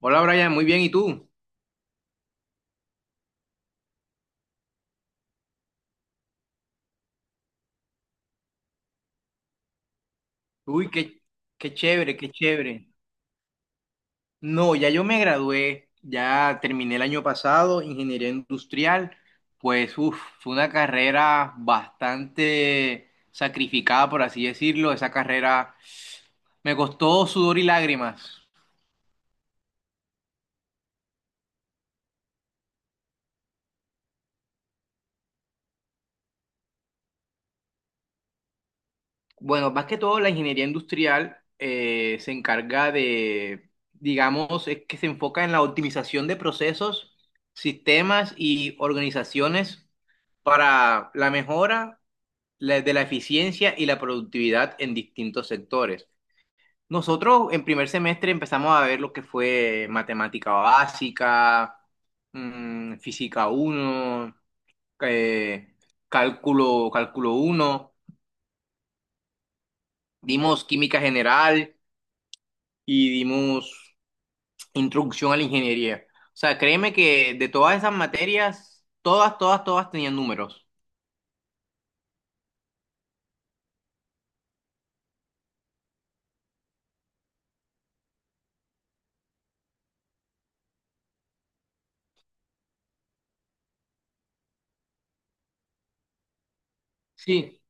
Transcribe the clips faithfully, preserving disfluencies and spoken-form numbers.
Hola Brian, muy bien, ¿y tú? Uy, qué, qué chévere, qué chévere. No, ya yo me gradué, ya terminé el año pasado, ingeniería industrial. Pues uf, fue una carrera bastante sacrificada, por así decirlo. Esa carrera me costó sudor y lágrimas. Bueno, más que todo la ingeniería industrial eh, se encarga de, digamos, es que se enfoca en la optimización de procesos, sistemas y organizaciones para la mejora la- de la eficiencia y la productividad en distintos sectores. Nosotros en primer semestre empezamos a ver lo que fue matemática básica, mm, física uno eh, cálculo, cálculo uno, dimos química general y dimos introducción a la ingeniería. O sea, créeme que de todas esas materias, todas, todas, todas tenían números. Sí,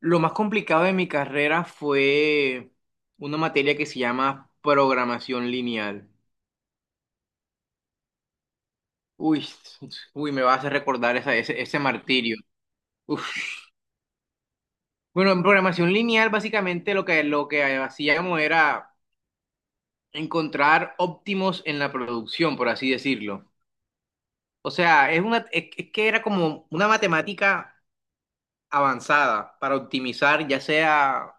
lo más complicado de mi carrera fue una materia que se llama programación lineal. Uy, uy, me va a hacer recordar esa- ese, ese martirio. Uf. Bueno, en programación lineal básicamente lo que, lo que hacíamos era encontrar óptimos en la producción, por así decirlo. O sea, es una, es, es que era como una matemática avanzada para optimizar, ya sea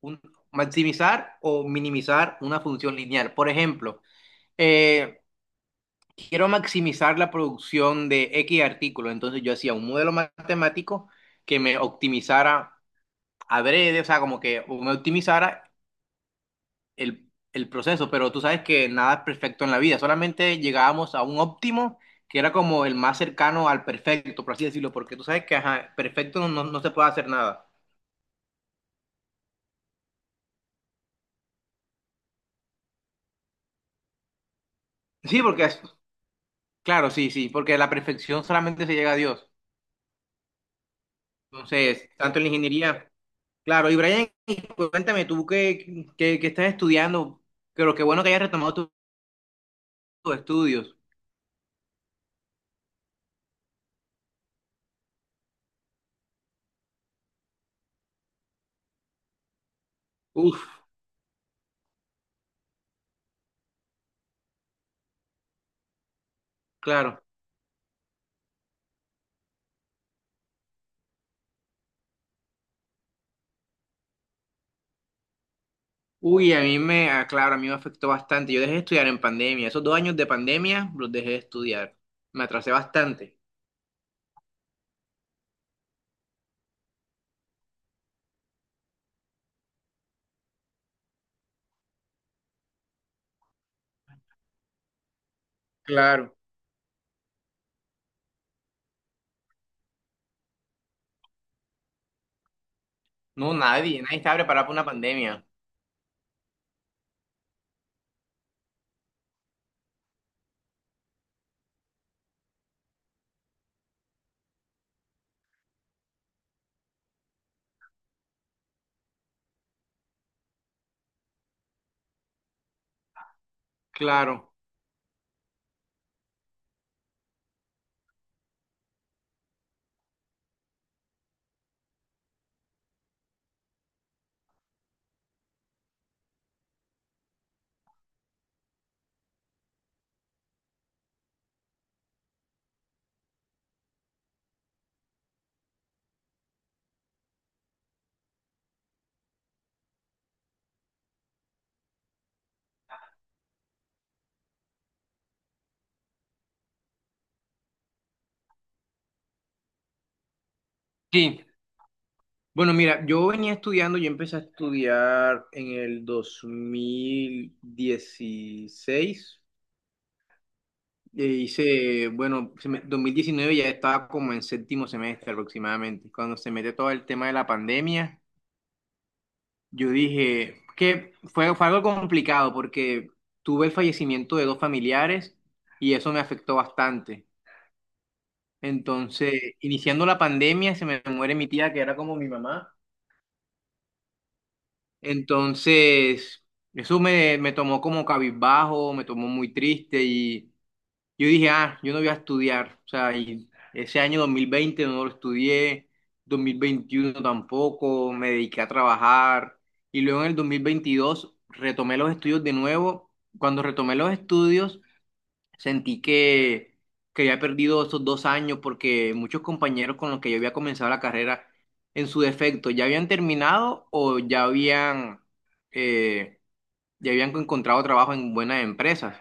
un- maximizar o minimizar una función lineal. Por ejemplo, eh, quiero maximizar la producción de X artículo, entonces yo hacía un modelo matemático que me optimizara adrede. O sea, como que me optimizara el, el proceso, pero tú sabes que nada es perfecto en la vida, solamente llegábamos a un óptimo, que era como el más cercano al perfecto, por así decirlo, porque tú sabes que ajá, perfecto no, no no se puede hacer nada. Sí, porque es- claro, sí, sí, porque la perfección solamente se llega a Dios. Entonces, tanto en la ingeniería. Claro, y Brian, y cuéntame, tú que, que, que estás estudiando, pero qué bueno que hayas retomado tu- tus estudios. Uf, claro. Uy, a mí me, ah, claro, a mí me afectó bastante. Yo dejé de estudiar en pandemia. Esos dos años de pandemia los dejé de estudiar. Me atrasé bastante. Claro. No, nadie, nadie estaba preparado para una pandemia. Claro. Sí. Bueno, mira, yo venía estudiando, yo empecé a estudiar en el dos mil dieciséis. E hice, bueno, se me- dos mil diecinueve ya estaba como en séptimo semestre aproximadamente. Cuando se mete todo el tema de la pandemia, yo dije que fue, fue algo complicado porque tuve el fallecimiento de dos familiares y eso me afectó bastante. Entonces, iniciando la pandemia, se me muere mi tía, que era como mi mamá. Entonces, eso me, me tomó como cabizbajo, me tomó muy triste y yo dije, ah, yo no voy a estudiar. O sea, y ese año dos mil veinte no lo estudié, dos mil veintiuno tampoco, me dediqué a trabajar y luego en el dos mil veintidós retomé los estudios de nuevo. Cuando retomé los estudios, sentí que, que había perdido esos dos años porque muchos compañeros con los que yo había comenzado la carrera, en su defecto, ya habían terminado o ya habían, eh, ya habían encontrado trabajo en buenas empresas.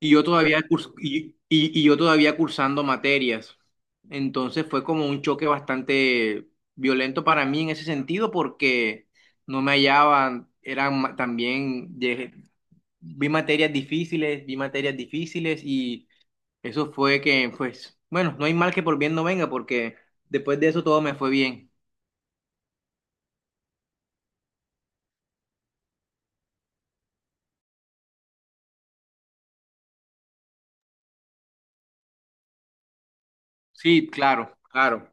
Y yo todavía, curs- y, y- y yo todavía cursando materias. Entonces fue como un choque bastante violento para mí en ese sentido porque no me hallaban, eran ma- también, llegué- vi materias difíciles, vi materias difíciles y eso fue que, pues, bueno, no hay mal que por bien no venga, porque después de eso todo me fue bien. Sí, claro, claro.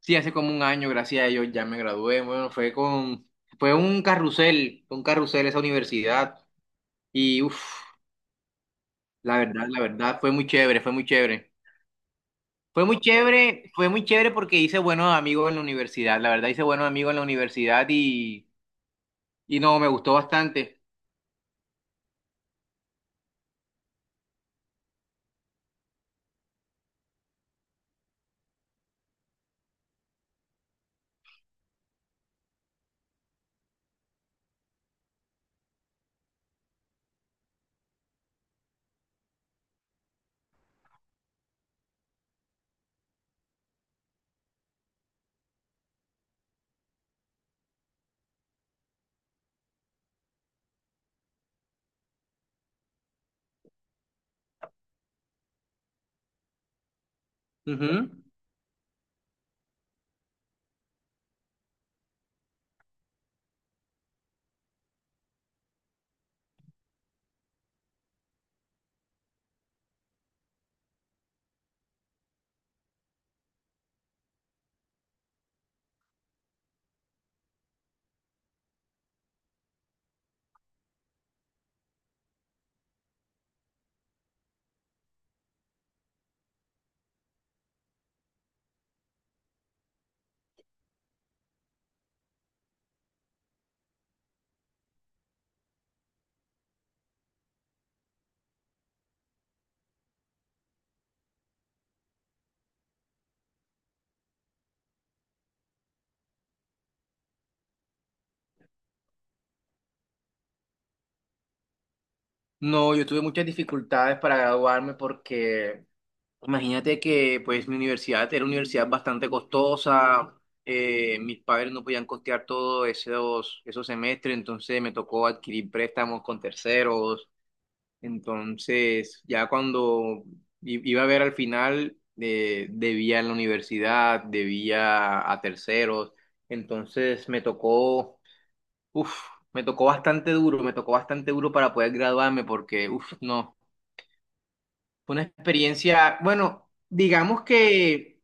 Sí, hace como un año, gracias a ellos, ya me gradué. Bueno, fue con, fue un carrusel, fue un carrusel esa universidad. Y uff, la verdad, la verdad, fue muy chévere, fue muy chévere. Fue muy chévere, fue muy chévere porque hice buenos amigos en la universidad. La verdad, hice buenos amigos en la universidad y, y no, me gustó bastante. Ujú. No, yo tuve muchas dificultades para graduarme porque imagínate que pues mi universidad era una universidad bastante costosa. Eh, mis padres no podían costear todos esos, esos semestres, entonces me tocó adquirir préstamos con terceros. Entonces ya cuando i- iba a ver al final eh, debía en la universidad, debía a terceros, entonces me tocó uf, me tocó bastante duro, me tocó bastante duro para poder graduarme porque, uf, no, fue una experiencia, bueno, digamos que,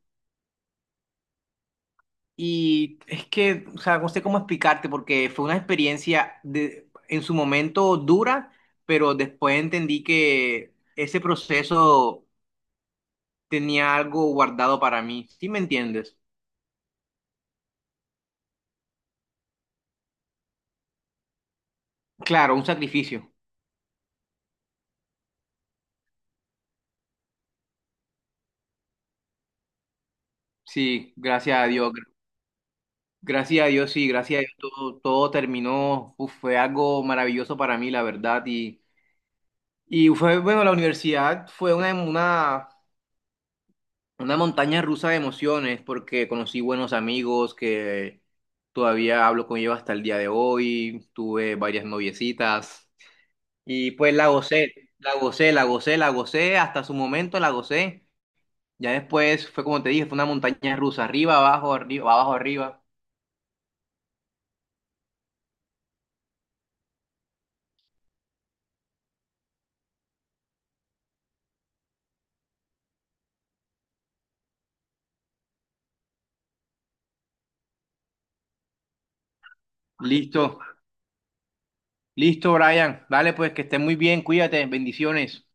y es que, o sea, no sé cómo explicarte porque fue una experiencia de, en su momento dura, pero después entendí que ese proceso tenía algo guardado para mí, ¿sí me entiendes? Claro, un sacrificio, sí, gracias a Dios. Gracias a Dios, sí, gracias a Dios todo, todo terminó. Uf, fue algo maravilloso para mí, la verdad. Y Y fue, bueno, la universidad fue una, una, una montaña rusa de emociones porque conocí buenos amigos que todavía hablo con ellos hasta el día de hoy, tuve varias noviecitas y pues la gocé, la gocé, la gocé, la gocé, hasta su momento la gocé. Ya después fue como te dije, fue una montaña rusa, arriba, abajo, arriba, abajo, arriba. Listo, listo, Brian. Dale, pues que estés muy bien, cuídate, bendiciones.